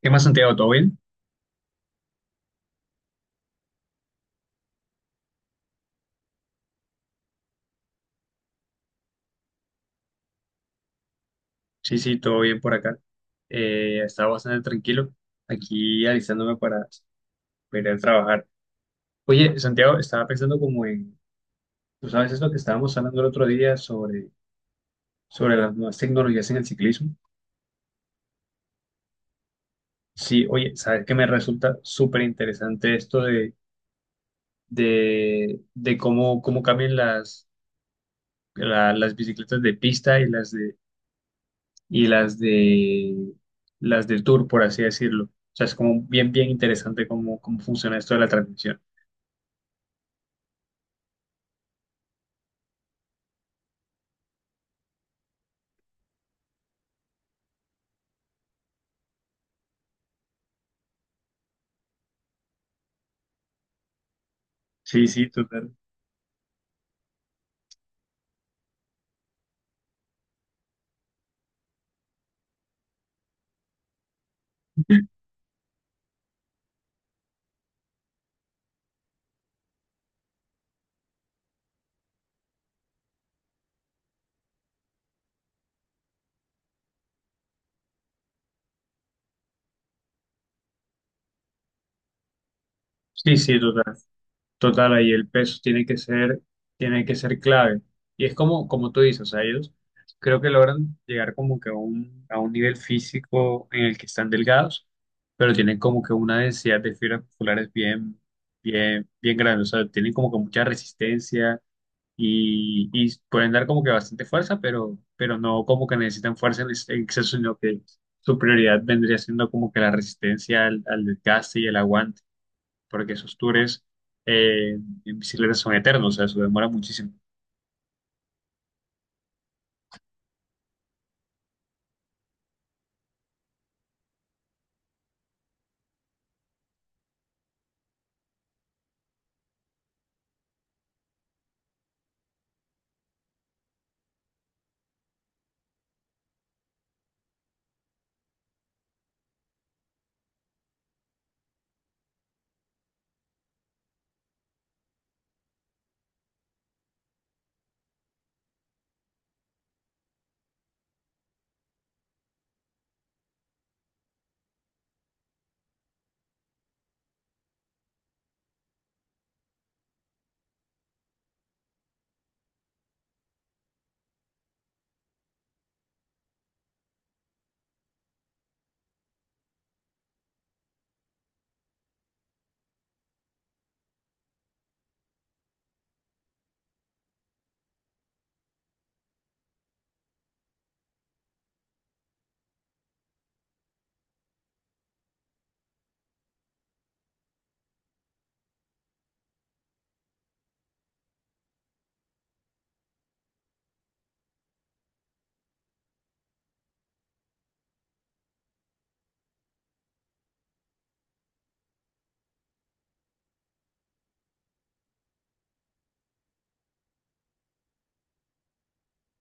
¿Qué más, Santiago? ¿Todo bien? Sí, sí, todo bien por acá. Estaba bastante tranquilo aquí alistándome para ir a trabajar. Oye, Santiago, estaba pensando como tú sabes eso que estábamos hablando el otro día sobre las nuevas tecnologías en el ciclismo. Sí, oye, sabes que me resulta súper interesante esto de cómo, cómo cambian las bicicletas de pista y las de las del tour, por así decirlo. O sea, es como bien interesante cómo funciona esto de la transmisión. Sí, sí, total. Sí, sí, total. Total, ahí el peso tiene que ser clave. Y es como, como tú dices, o sea, ellos creo que logran llegar como que a a un nivel físico en el que están delgados, pero tienen como que una densidad de fibras musculares bien grande. O sea, tienen como que mucha resistencia y pueden dar como que bastante fuerza, pero no como que necesitan fuerza en exceso, sino que su prioridad vendría siendo como que la resistencia al desgaste y el aguante, porque esos tours eh, en bicicleta son eternos, o sea, eso demora muchísimo.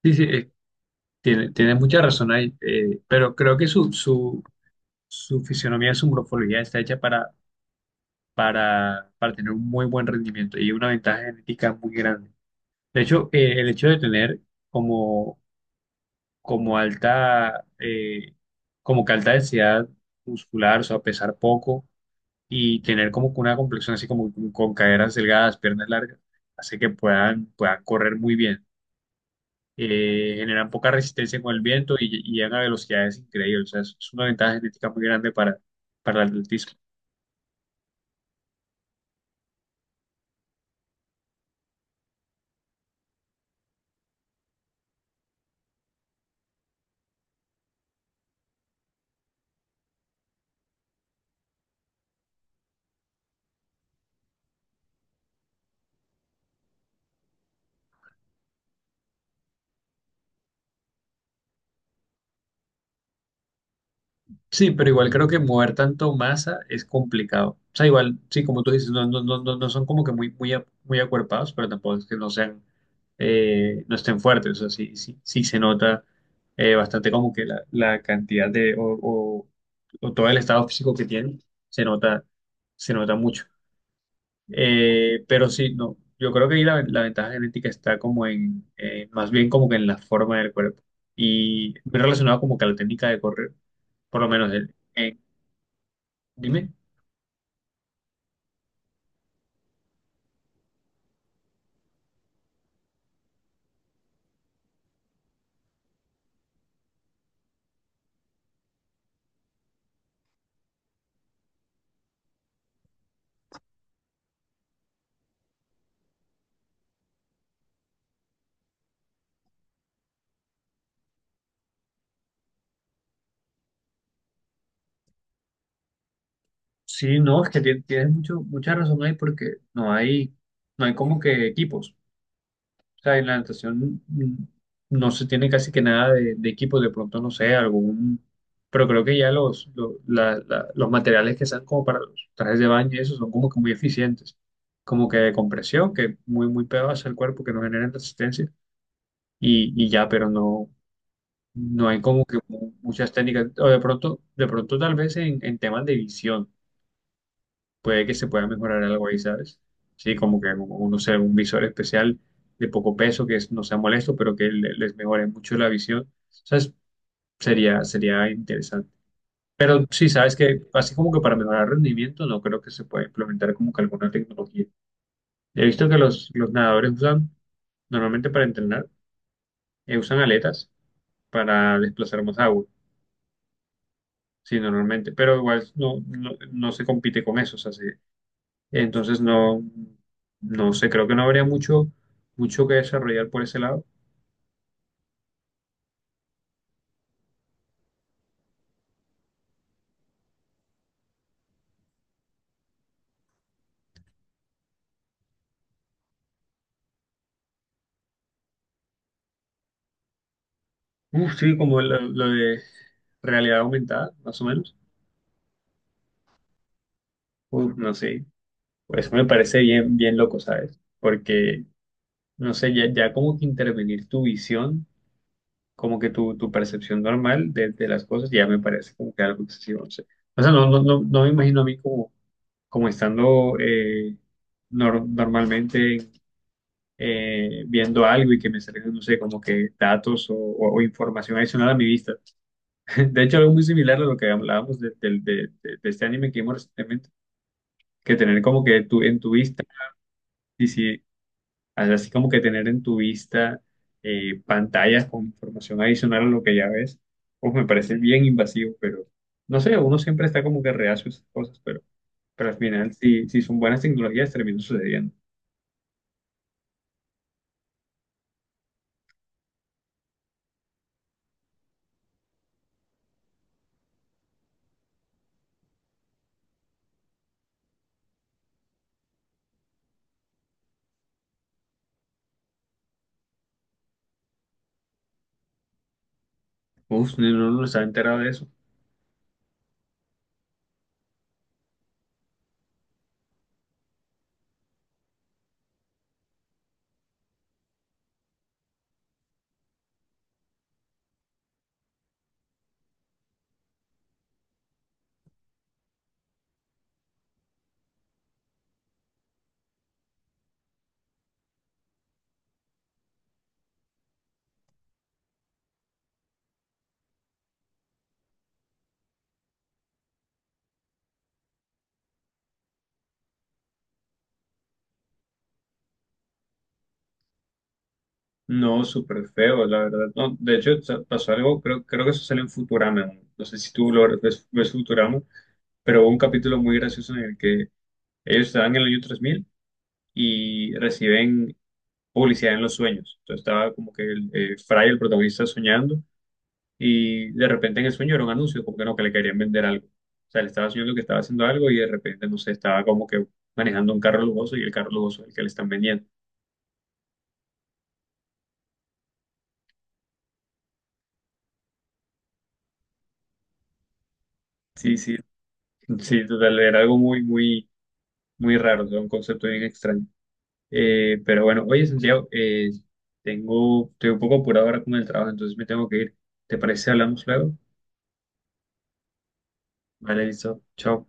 Sí, sí, tiene mucha razón ahí, pero creo que su fisionomía, su morfología está hecha para tener un muy buen rendimiento y una ventaja genética muy grande. De hecho, el hecho de tener como como alta, como que alta densidad muscular, o sea, pesar poco y tener como que una complexión así como con caderas delgadas, piernas largas, hace que puedan correr muy bien. Generan poca resistencia con el viento y llegan a velocidades increíbles. O sea, es una ventaja genética muy grande para el atletismo. Sí, pero igual creo que mover tanto masa es complicado. O sea, igual, sí, como tú dices, no, no, no, no no son como que muy acuerpados, pero tampoco es que no sean, no estén fuertes. O sea, sí, sí, sí se nota bastante como que la cantidad o todo el estado físico que tienen, se nota, se nota mucho. Pero sí, no, yo creo que ahí la ventaja genética está como más bien como que en la forma del cuerpo. Y muy relacionado como que a la técnica de correr por lo menos en, Dime. Sí, no, es que mucha razón ahí porque no hay como que equipos. O sea, en la natación no se tiene casi que nada de equipos, de pronto no sé, algún, pero creo que ya los materiales que sean como para los trajes de baño y eso son como que muy eficientes, como que de compresión, que muy pegados al cuerpo, que no generan resistencia y ya, pero no hay como que muchas técnicas, o de pronto tal vez en temas de visión puede que se pueda mejorar algo ahí, ¿sabes? Sí, como que como uno sea un visor especial de poco peso que no sea molesto, pero que les mejore mucho la visión. ¿Sabes? Sería interesante. Pero sí, sabes que así como que para mejorar rendimiento, no creo que se pueda implementar como que alguna tecnología. He visto que los nadadores usan, normalmente para entrenar, usan aletas para desplazar más agua. Sí, normalmente, pero igual no, no, no se compite con eso, o sea, sí, entonces no, no sé, creo que no habría mucho que desarrollar por ese lado. Uf, sí, como lo de realidad aumentada, más o menos. Uf, no sé, pues me parece bien loco, ¿sabes? Porque, no sé, ya como que intervenir tu visión, como que tu percepción normal de las cosas, ya me parece como que algo excesivo, no sé. O sea, no, no, no, no me imagino a mí como, como estando normalmente viendo algo y que me salgan, no sé, como que datos o información adicional a mi vista. De hecho, algo muy similar a lo que hablábamos de, del- de este anime que vimos recientemente, que tener como que tu en tu vista, y si, así como que tener en tu vista pantallas con información adicional a lo que ya ves, pues me parece bien invasivo, pero no sé, uno siempre está como que reacio a esas cosas, pero al final, si son buenas tecnologías, termina sucediendo. Uf, no, no, no estaba enterado de eso. No, súper feo, la verdad. No, de hecho, pasó algo, creo que eso sale en Futurama. No, no sé si tú lo ves, ves Futurama, pero hubo un capítulo muy gracioso en el que ellos estaban en el año 3000 y reciben publicidad en los sueños. Entonces estaba como que Fry, el protagonista, soñando y de repente en el sueño era un anuncio, como que no, que le querían vender algo. O sea, le estaba soñando que estaba haciendo algo y de repente, no sé, estaba como que manejando un carro lujoso y el carro lujoso es el que le están vendiendo. Sí, sí, sí, total, era algo muy raro, o sea, un concepto bien extraño. Pero bueno, oye, Santiago, estoy un poco apurado ahora con el trabajo, entonces me tengo que ir. ¿Te parece si hablamos luego? Vale, listo. Chao.